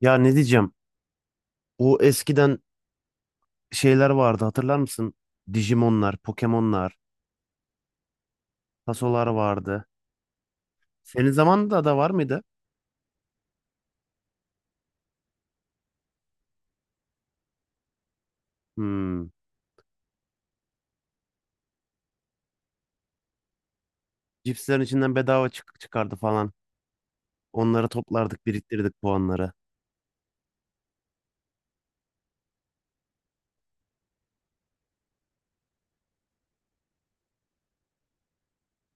Ya ne diyeceğim? O eskiden şeyler vardı hatırlar mısın? Digimonlar, Pokemonlar, tasolar vardı. Senin zamanında da var mıydı? Hmm. Cipslerin içinden bedava çıkardı falan. Onları toplardık, biriktirdik puanları.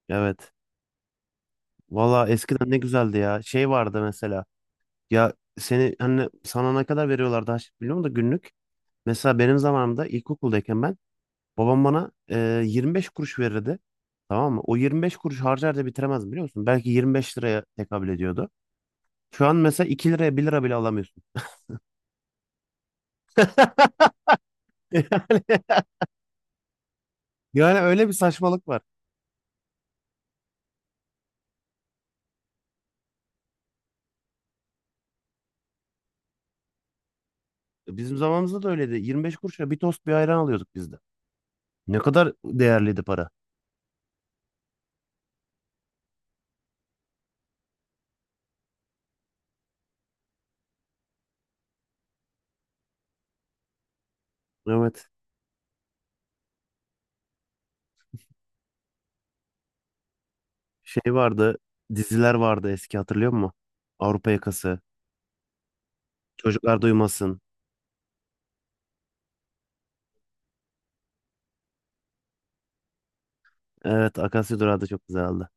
Evet. Valla eskiden ne güzeldi ya. Şey vardı mesela. Ya hani sana ne kadar veriyorlardı biliyor musun da günlük? Mesela benim zamanımda ilkokuldayken babam bana 25 kuruş verirdi. Tamam mı? O 25 kuruş harcar da bitiremezdim biliyor musun? Belki 25 liraya tekabül ediyordu. Şu an mesela 2 liraya bir lira bile alamıyorsun. Yani öyle bir saçmalık var. Bizim zamanımızda da öyleydi. 25 kuruşa bir tost bir ayran alıyorduk biz de. Ne kadar değerliydi para. Evet. Şey vardı. Diziler vardı eski hatırlıyor musun? Avrupa Yakası. Çocuklar Duymasın. Evet. Akasya Durağı da çok güzeldi.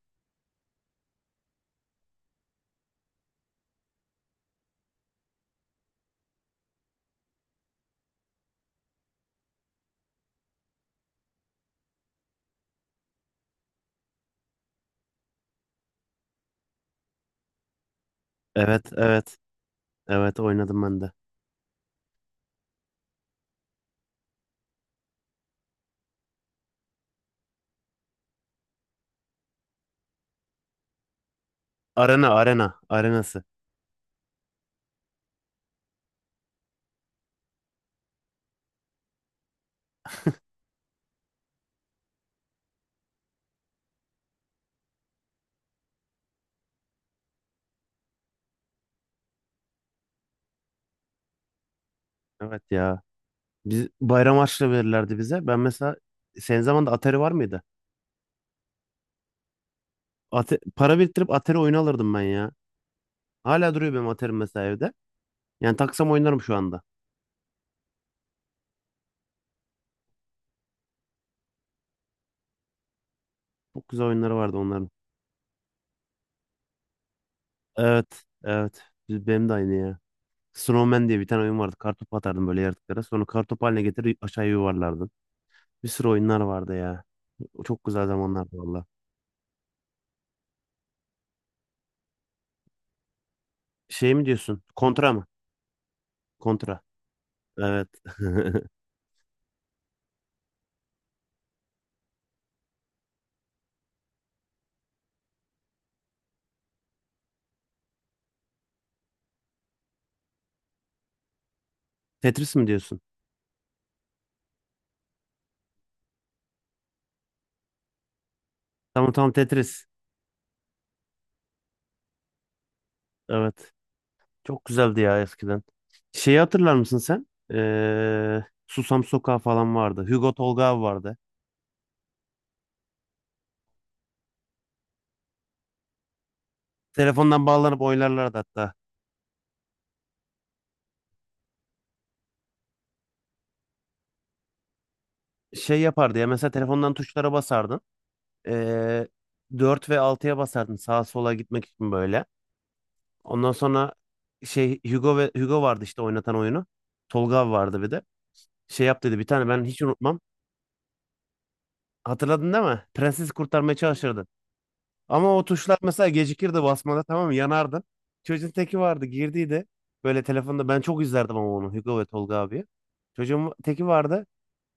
Evet. Evet. Evet oynadım ben de. Arena. Arena. Arenası. Evet ya. Bayram harçlığı verirlerdi bize. Ben mesela, senin zamanında Atari var mıydı? Para biriktirip Atari oyunu alırdım ben ya. Hala duruyor benim Atari'm mesela evde. Yani taksam oynarım şu anda. Çok güzel oyunları vardı onların. Evet, evet. Benim de aynı ya. Snowman diye bir tane oyun vardı. Kartopu atardım böyle yaratıklara. Sonra kartopu haline getirip aşağıya yuvarlardın. Bir sürü oyunlar vardı ya. O çok güzel zamanlardı valla. Şey mi diyorsun? Kontra mı? Kontra. Evet. Tetris mi diyorsun? Tamam tamam Tetris. Evet. Çok güzeldi ya eskiden. Şeyi hatırlar mısın sen? Susam Sokağı falan vardı. Hugo Tolga abi vardı. Telefondan bağlanıp oynarlardı hatta. Şey yapardı ya mesela telefondan tuşlara basardın. Ee, 4 ve 6'ya basardın sağa sola gitmek için böyle. Ondan sonra şey Hugo ve Hugo vardı işte oynatan oyunu. Tolga abi vardı bir de. Şey yap dedi bir tane ben hiç unutmam. Hatırladın değil mi? Prensesi kurtarmaya çalışırdı. Ama o tuşlar mesela gecikirdi basmada tamam mı? Yanardın. Çocuğun teki vardı girdiydi. Böyle telefonda ben çok izlerdim ama onu Hugo ve Tolga abi. Çocuğun teki vardı.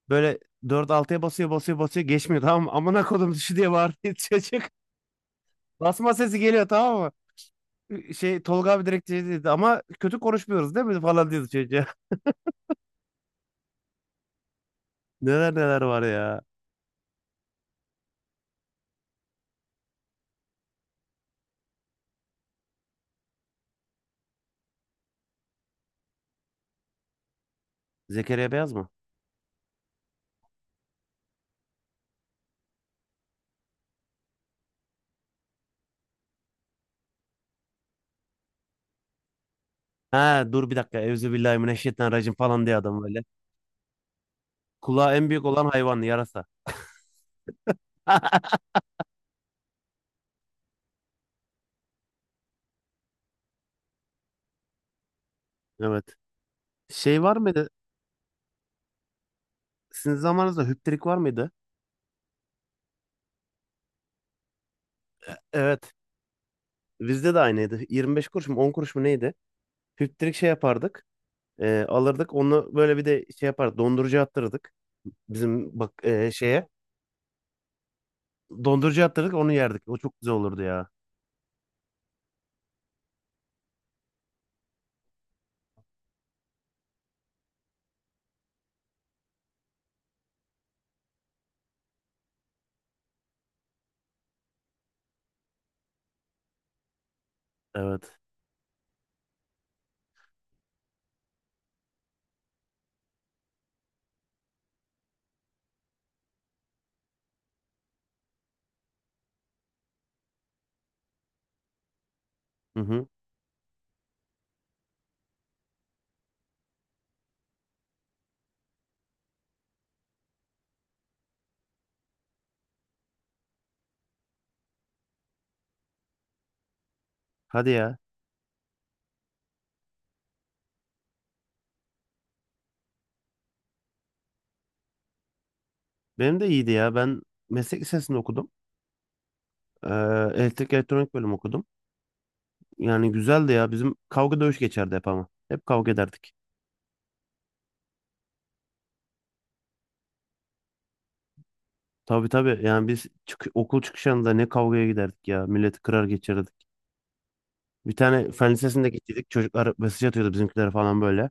Böyle 4 6'ya basıyor basıyor basıyor geçmiyor tamam mı? Amına kodum düşü diye bağırıyor çocuk. Basma sesi geliyor tamam mı? Şey Tolga abi direkt şey dedi ama kötü konuşmuyoruz değil mi falan diyordu çocuğa. Neler neler var ya. Zekeriya Beyaz mı? Ha dur bir dakika. Evzubillahimineşşeytanirracim falan diye adam böyle. Kulağı en büyük olan hayvan yarasa. Evet. Şey var mıydı Sizin zamanınızda hüptrik var mıydı? Evet. Bizde de aynıydı. 25 kuruş mu 10 kuruş mu neydi? Hüptrik şey yapardık. Alırdık. Onu böyle bir de şey yapardık. Dondurucu attırdık. Bizim bak şeye. Dondurucu attırdık onu yerdik. O çok güzel olurdu ya. Evet. Hı hı. Hadi ya. Benim de iyiydi ya. Ben meslek lisesinde okudum. E, Elektrik elektronik bölüm okudum. Yani güzeldi ya. Bizim kavga dövüş geçerdi hep ama. Hep kavga ederdik. Tabii tabii. Yani biz okul çıkışında ne kavgaya giderdik ya. Milleti kırar geçirdik. Bir tane fen lisesinde gittik. Çocuklar mesaj atıyordu bizimkilere falan böyle.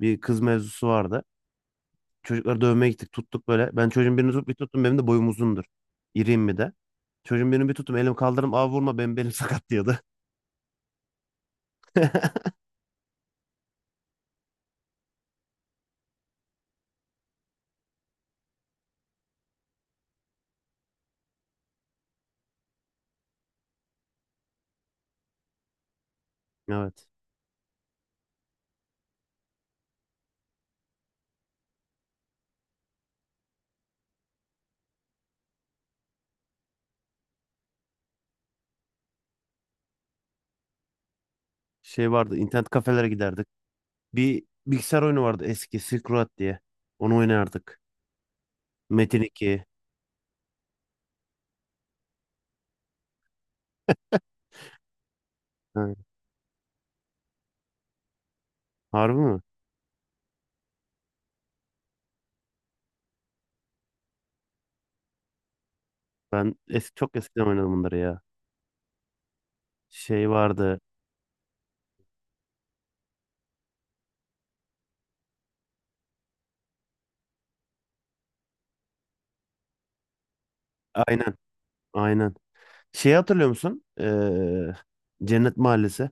Bir kız mevzusu vardı. Çocukları dövmeye gittik tuttuk böyle. Ben çocuğun birini tutup bir tuttum benim de boyum uzundur. İriyim bir de. Çocuğun birini bir tuttum elim kaldırdım abi vurma benim belim sakat diyordu. Evet. Şey vardı, internet kafelere giderdik. Bir bilgisayar oyunu vardı eski Silk Road diye. Onu oynardık. Metin 2. Ha, harbi mi? Ben çok eskiden oynadım bunları ya. Şey vardı. Aynen. Aynen. Şeyi hatırlıyor musun? Cennet Mahallesi.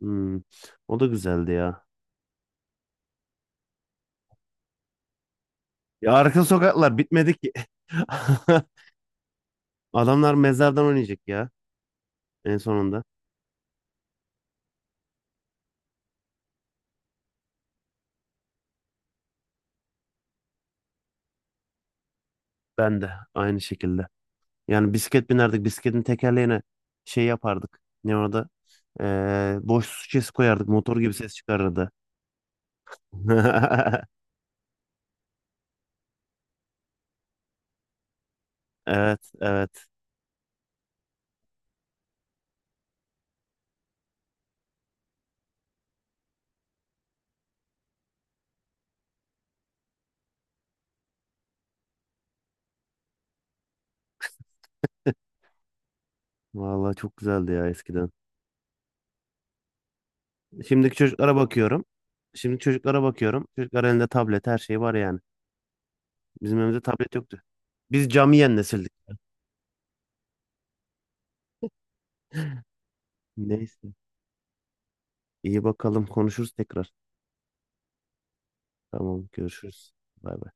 Hmm, o da güzeldi ya. Ya arka sokaklar bitmedi ki. Adamlar mezardan oynayacak ya en sonunda. Ben de aynı şekilde. Yani bisiklet binerdik. Bisikletin tekerleğine şey yapardık. Ne orada? Boş su şişesi koyardık. Motor gibi ses çıkarırdı. Evet, evet. Vallahi çok güzeldi ya eskiden. Şimdiki çocuklara bakıyorum. Şimdiki çocuklara bakıyorum. Çocuklar elinde tablet her şey var yani. Bizim evimizde tablet yoktu. Biz camiyen nesildik. Neyse. İyi bakalım konuşuruz tekrar. Tamam görüşürüz. Bay bay.